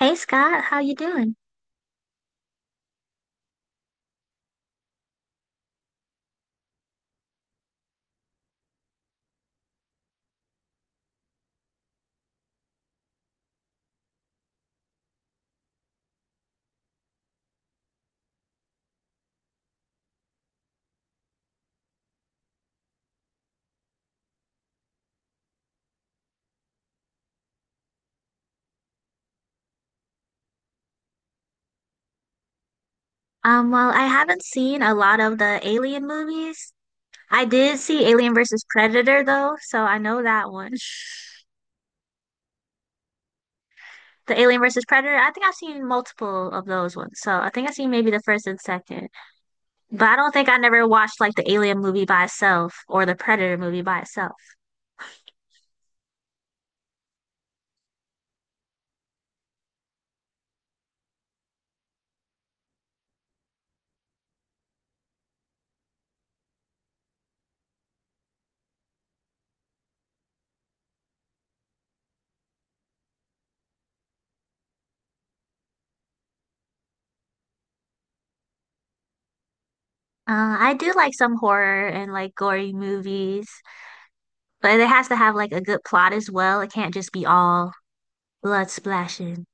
Hey Scott, how you doing? Well, I haven't seen a lot of the Alien movies. I did see Alien versus Predator though, so I know that one. The Alien versus Predator, I think I've seen multiple of those ones. So I think I've seen maybe the first and second. But I don't think I never watched like the Alien movie by itself or the Predator movie by itself. I do like some horror and like gory movies, but it has to have like a good plot as well. It can't just be all blood splashing.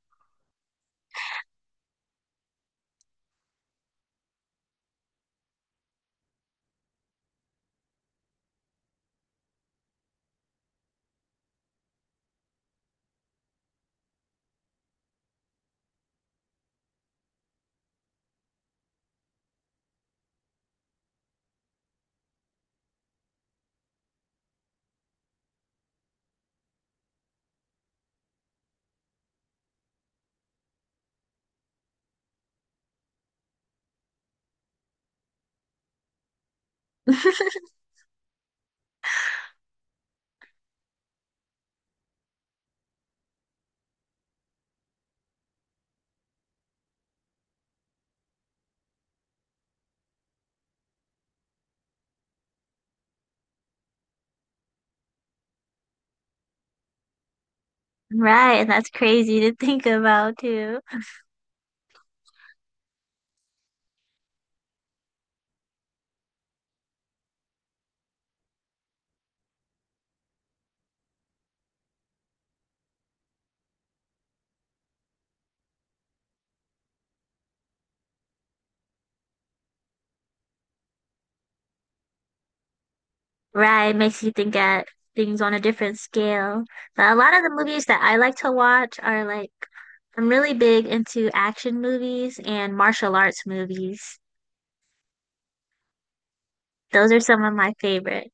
Right, and that's crazy to think about too. Right, makes you think at things on a different scale. But a lot of the movies that I like to watch are like I'm really big into action movies and martial arts movies. Those are some of my favorite.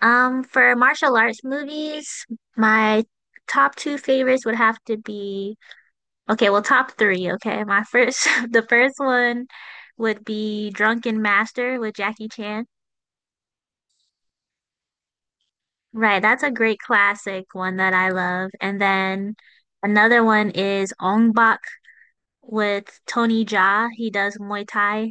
For martial arts movies, my top two favorites would have to be okay, well, top three, okay. My first, the first one would be Drunken Master with Jackie Chan. Right, that's a great classic one that I love. And then another one is Ong Bak with Tony Jaa. He does Muay Thai.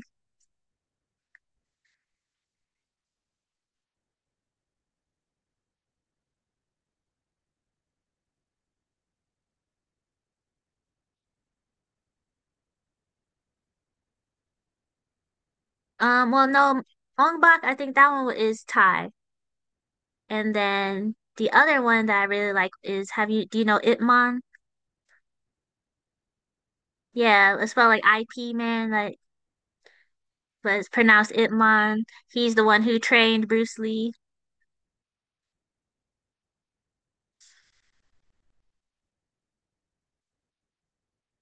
Well, no, Ong Bak, I think that one is Thai. And then the other one that I really like is have you do you know Ip Man? Yeah, it's spelled like IP man, like but it's pronounced Ip Man. He's the one who trained Bruce Lee.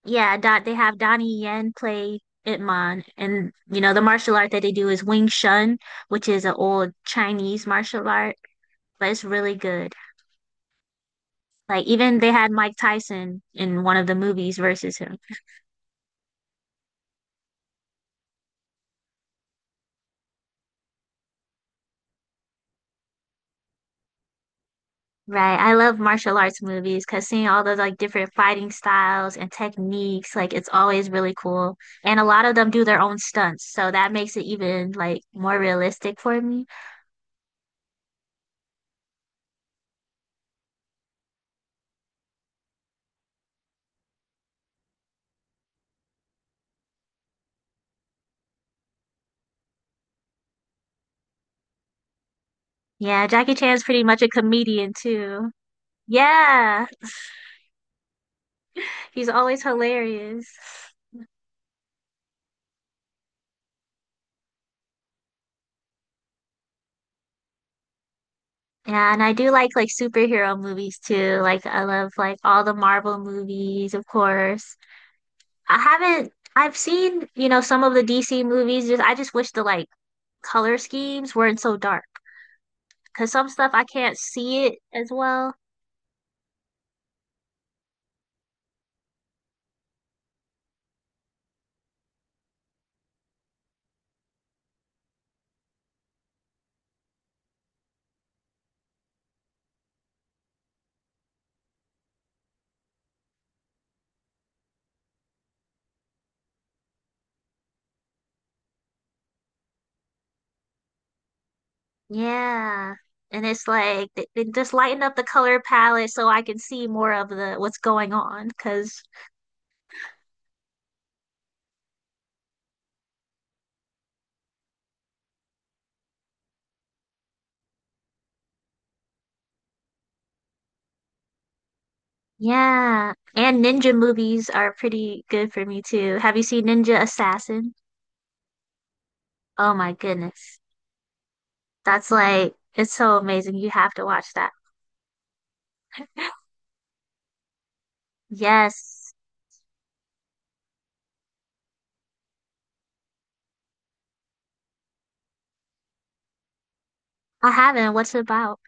Yeah, Dot they have Donnie Yen play Ip Man and you know the martial art that they do is Wing Chun, which is an old Chinese martial art, but it's really good. Like even they had Mike Tyson in one of the movies versus him. Right. I love martial arts movies because seeing all those like different fighting styles and techniques, like it's always really cool. And a lot of them do their own stunts, so that makes it even like more realistic for me. Yeah, Jackie Chan's pretty much a comedian too. Yeah. He's always hilarious. Yeah, and I do like superhero movies too. Like I love like all the Marvel movies, of course. I haven't I've seen, you know, some of the DC movies. Just I just wish the like color schemes weren't so dark because some stuff I can't see it as well. Yeah. And it's like they just lighten up the color palette so I can see more of the what's going on because yeah. And ninja movies are pretty good for me too. Have you seen Ninja Assassin? Oh my goodness. That's like, it's so amazing. You have to watch that. Yes, I haven't. What's it about?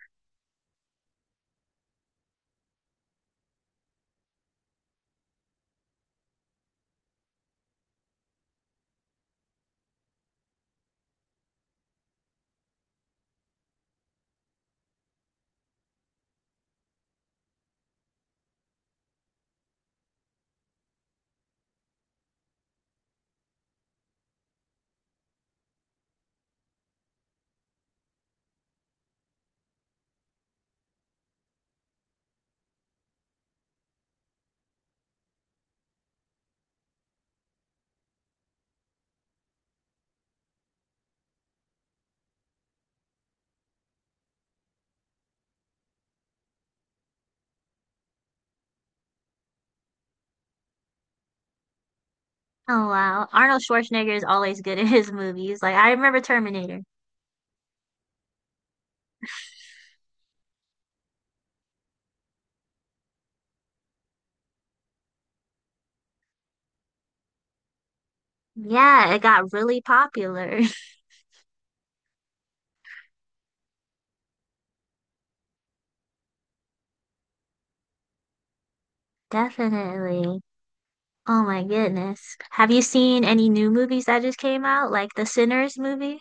Oh wow. Arnold Schwarzenegger is always good in his movies. Like I remember Terminator. Yeah, it got really popular. Definitely. Oh my goodness. Have you seen any new movies that just came out, like the Sinners movie?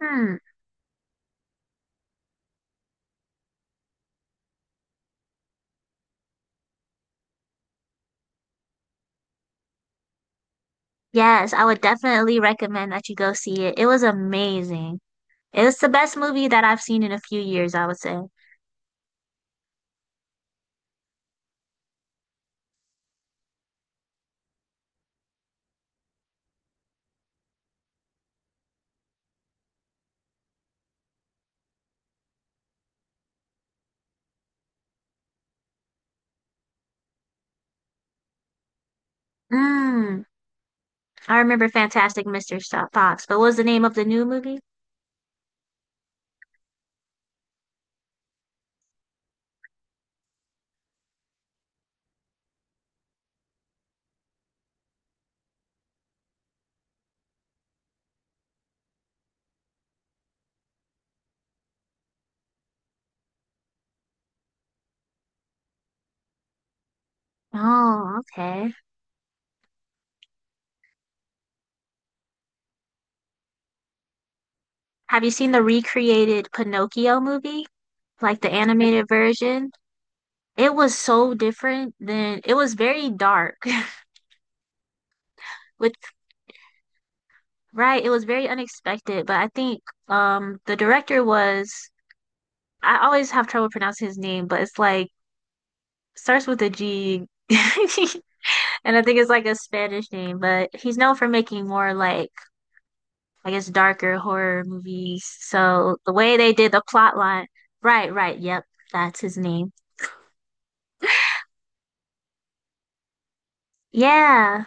Hmm. Yes, I would definitely recommend that you go see it. It was amazing. It was the best movie that I've seen in a few years, I would say. Mm. I remember Fantastic Mr. Fox, but what was the name of the new movie? Oh, okay. Have you seen the recreated Pinocchio movie? Like the animated version? It was so different than it was very dark. With right, it was very unexpected, but I think the director was I always have trouble pronouncing his name, but it's like starts with a G. And I think it's like a Spanish name, but he's known for making more like I guess darker horror movies. So the way they did the plot line, right, right, yep, that's his name. Yeah,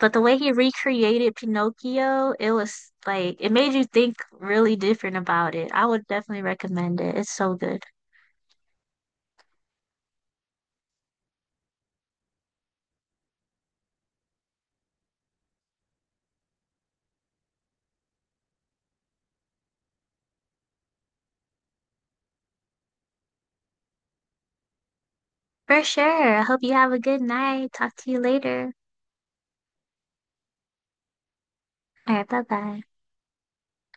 but the way he recreated Pinocchio, it was like it made you think really different about it. I would definitely recommend it. It's so good. For sure. I hope you have a good night. Talk to you later. All right, bye bye.